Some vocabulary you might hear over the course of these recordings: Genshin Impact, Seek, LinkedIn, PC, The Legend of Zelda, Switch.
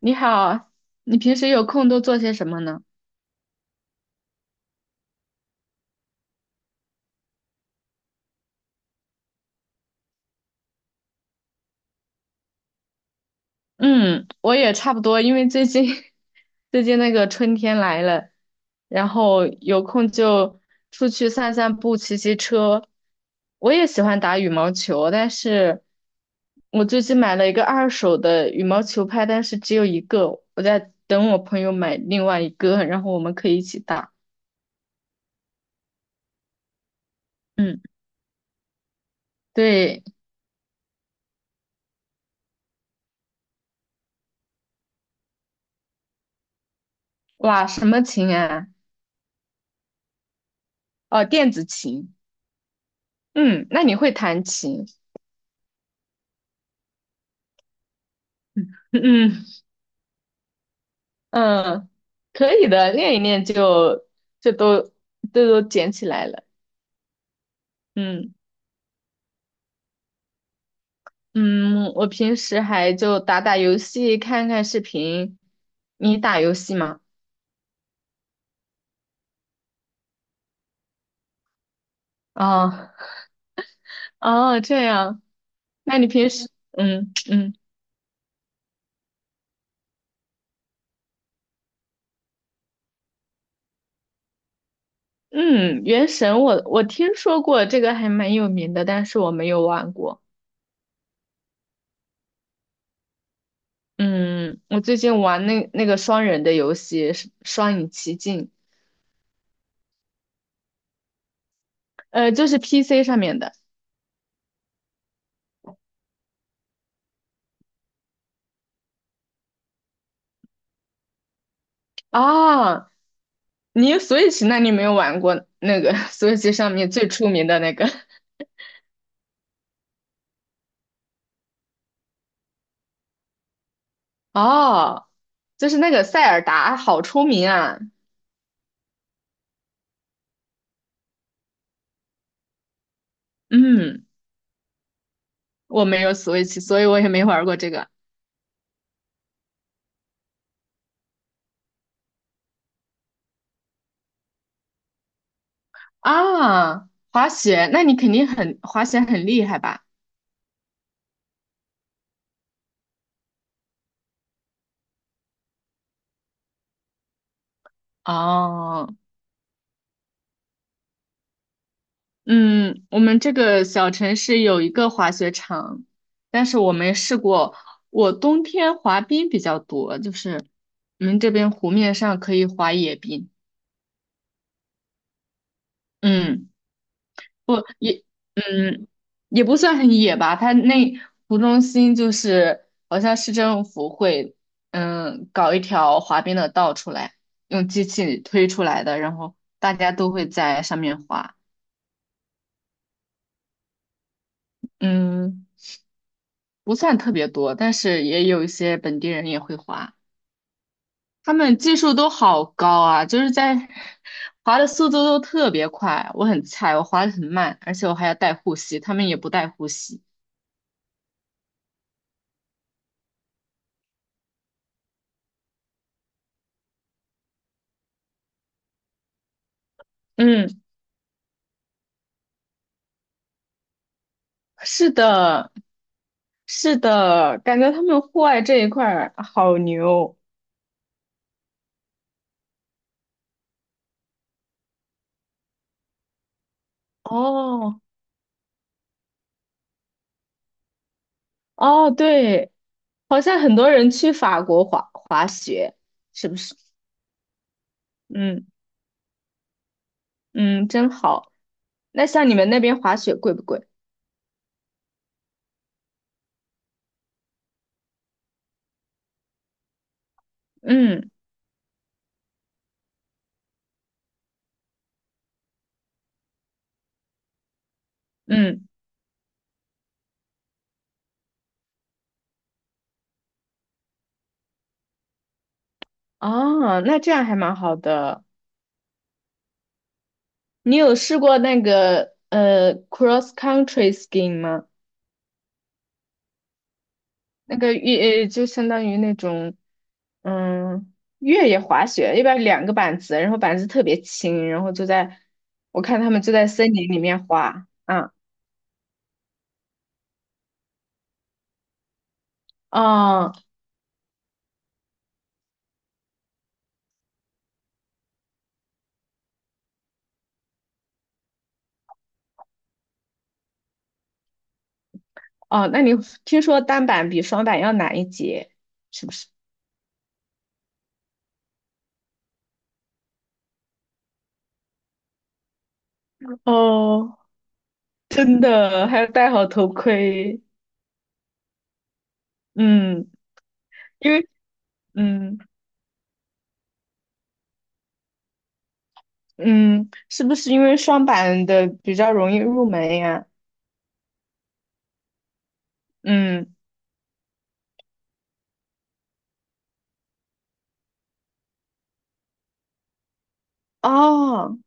你好，你平时有空都做些什么呢？嗯，我也差不多，因为最近 最近那个春天来了，然后有空就出去散散步、骑骑车。我也喜欢打羽毛球，但是我最近买了一个二手的羽毛球拍，但是只有一个，我在等我朋友买另外一个，然后我们可以一起打。嗯，对，哇，什么琴啊？哦，电子琴。嗯，那你会弹琴？嗯嗯，可以的，练一练就都捡起来了。嗯嗯，我平时还就打打游戏，看看视频。你打游戏吗？啊啊，这样。那你平时。嗯嗯，原神我听说过这个还蛮有名的，但是我没有玩过。嗯，我最近玩那个双人的游戏《是双影奇境》，就是 PC 上面的。啊。那你没有玩过那个 Switch 上面最出名的那个 哦，就是那个塞尔达，好出名啊！嗯，我没有 Switch，所以我也没玩过这个啊。滑雪，那你肯定很滑雪很厉害吧？哦，嗯，我们这个小城市有一个滑雪场，但是我没试过。我冬天滑冰比较多，就是我们这边湖面上可以滑野冰。嗯。不也，嗯，也不算很野吧。它那湖中心就是好像市政府会，搞一条滑冰的道出来，用机器推出来的，然后大家都会在上面滑。嗯，不算特别多，但是也有一些本地人也会滑，他们技术都好高啊，就是在滑的速度都特别快。我很菜，我滑的很慢，而且我还要带护膝，他们也不带护膝。嗯，是的，是的，感觉他们户外这一块儿好牛。哦哦，对，好像很多人去法国滑滑雪，是不是？嗯嗯，真好。那像你们那边滑雪贵不贵？嗯嗯，哦，那这样还蛮好的。你有试过那个cross country skiing 吗？那个越呃就相当于那种嗯，越野滑雪一般两个板子，然后板子特别轻，然后就在我看他们就在森林里面滑。嗯，哦哦，那你听说单板比双板要难一截，是不是？哦，真的，还要戴好头盔。嗯，因为嗯嗯，是不是因为双板的比较容易入门呀？嗯，哦。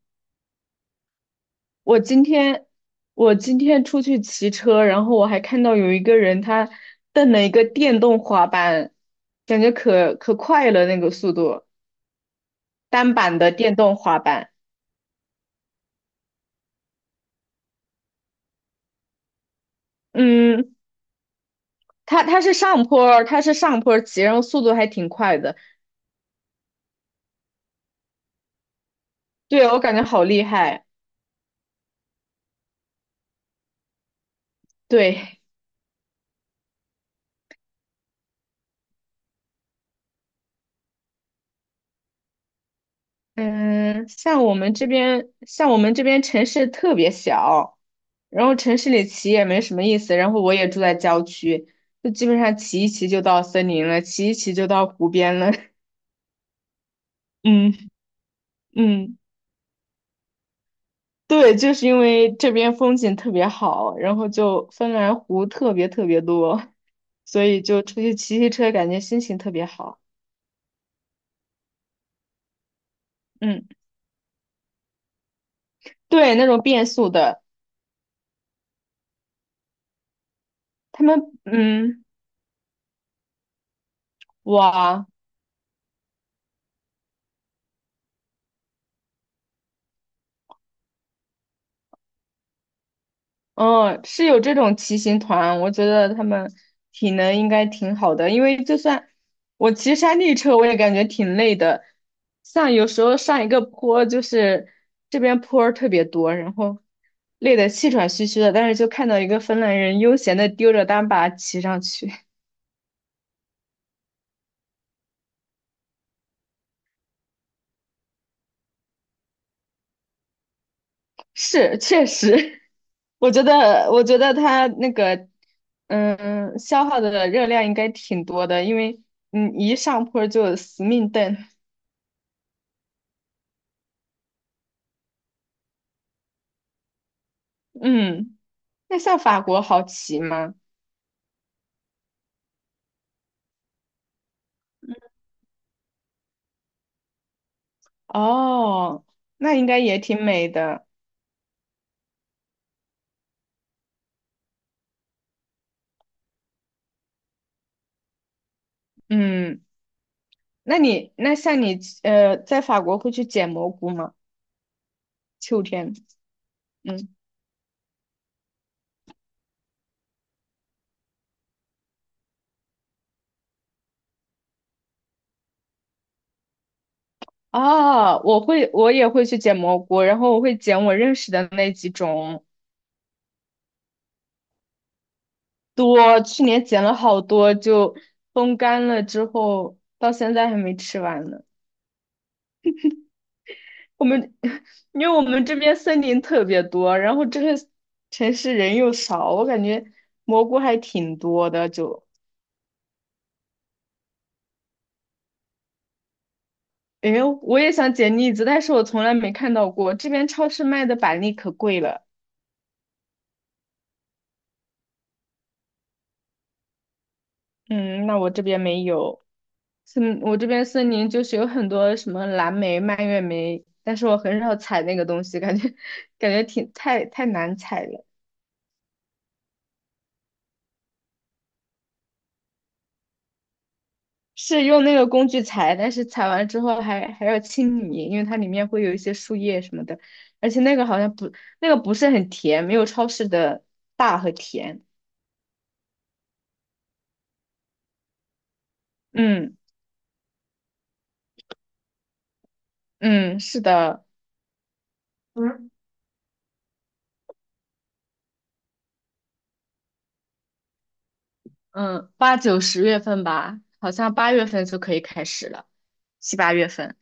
我今天我今天出去骑车，然后我还看到有一个人他蹬了一个电动滑板，感觉可快了那个速度，单板的电动滑板。嗯，他是上坡儿骑，然后速度还挺快的。对，我感觉好厉害。对，嗯，像我们这边城市特别小，然后城市里骑也没什么意思，然后我也住在郊区，就基本上骑一骑就到森林了，骑一骑就到湖边了。嗯嗯，对，就是因为这边风景特别好，然后就芬兰湖特别特别多，所以就出去骑骑车，感觉心情特别好。嗯，对，那种变速的。他们嗯，哇。哦，是有这种骑行团，我觉得他们体能应该挺好的，因为就算我骑山地车，我也感觉挺累的。像有时候上一个坡，就是这边坡儿特别多，然后累得气喘吁吁的，但是就看到一个芬兰人悠闲的丢着单把骑上去。是确实，我觉得他那个消耗的热量应该挺多的，因为一上坡就死命蹬。嗯。那像法国好骑吗？哦，那应该也挺美的。嗯，那像你在法国会去捡蘑菇吗？秋天，嗯，哦，我会，我也会去捡蘑菇，然后我会捡我认识的那几种。多，去年捡了好多，就风干了之后，到现在还没吃完呢。我们 因为我们这边森林特别多，然后这个城市人又少，我感觉蘑菇还挺多的。诶，我也想捡栗子，但是我从来没看到过。这边超市卖的板栗可贵了。嗯，那我这边没有。我这边森林就是有很多什么蓝莓、蔓越莓，但是我很少采那个东西，感觉 感觉挺太难采了。是用那个工具采，但是采完之后还要清理，因为它里面会有一些树叶什么的，而且那个好像不，那个不是很甜，没有超市的大和甜。嗯嗯，是的。嗯，8、9、10月份吧，好像八月份就可以开始了，7、8月份。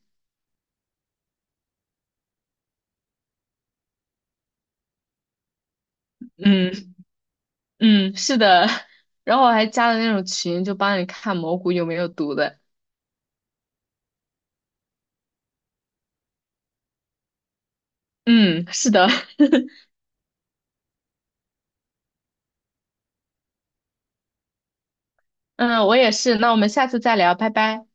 嗯嗯，是的。然后我还加了那种群，就帮你看蘑菇有没有毒的。嗯，是的。嗯，我也是。那我们下次再聊，拜拜。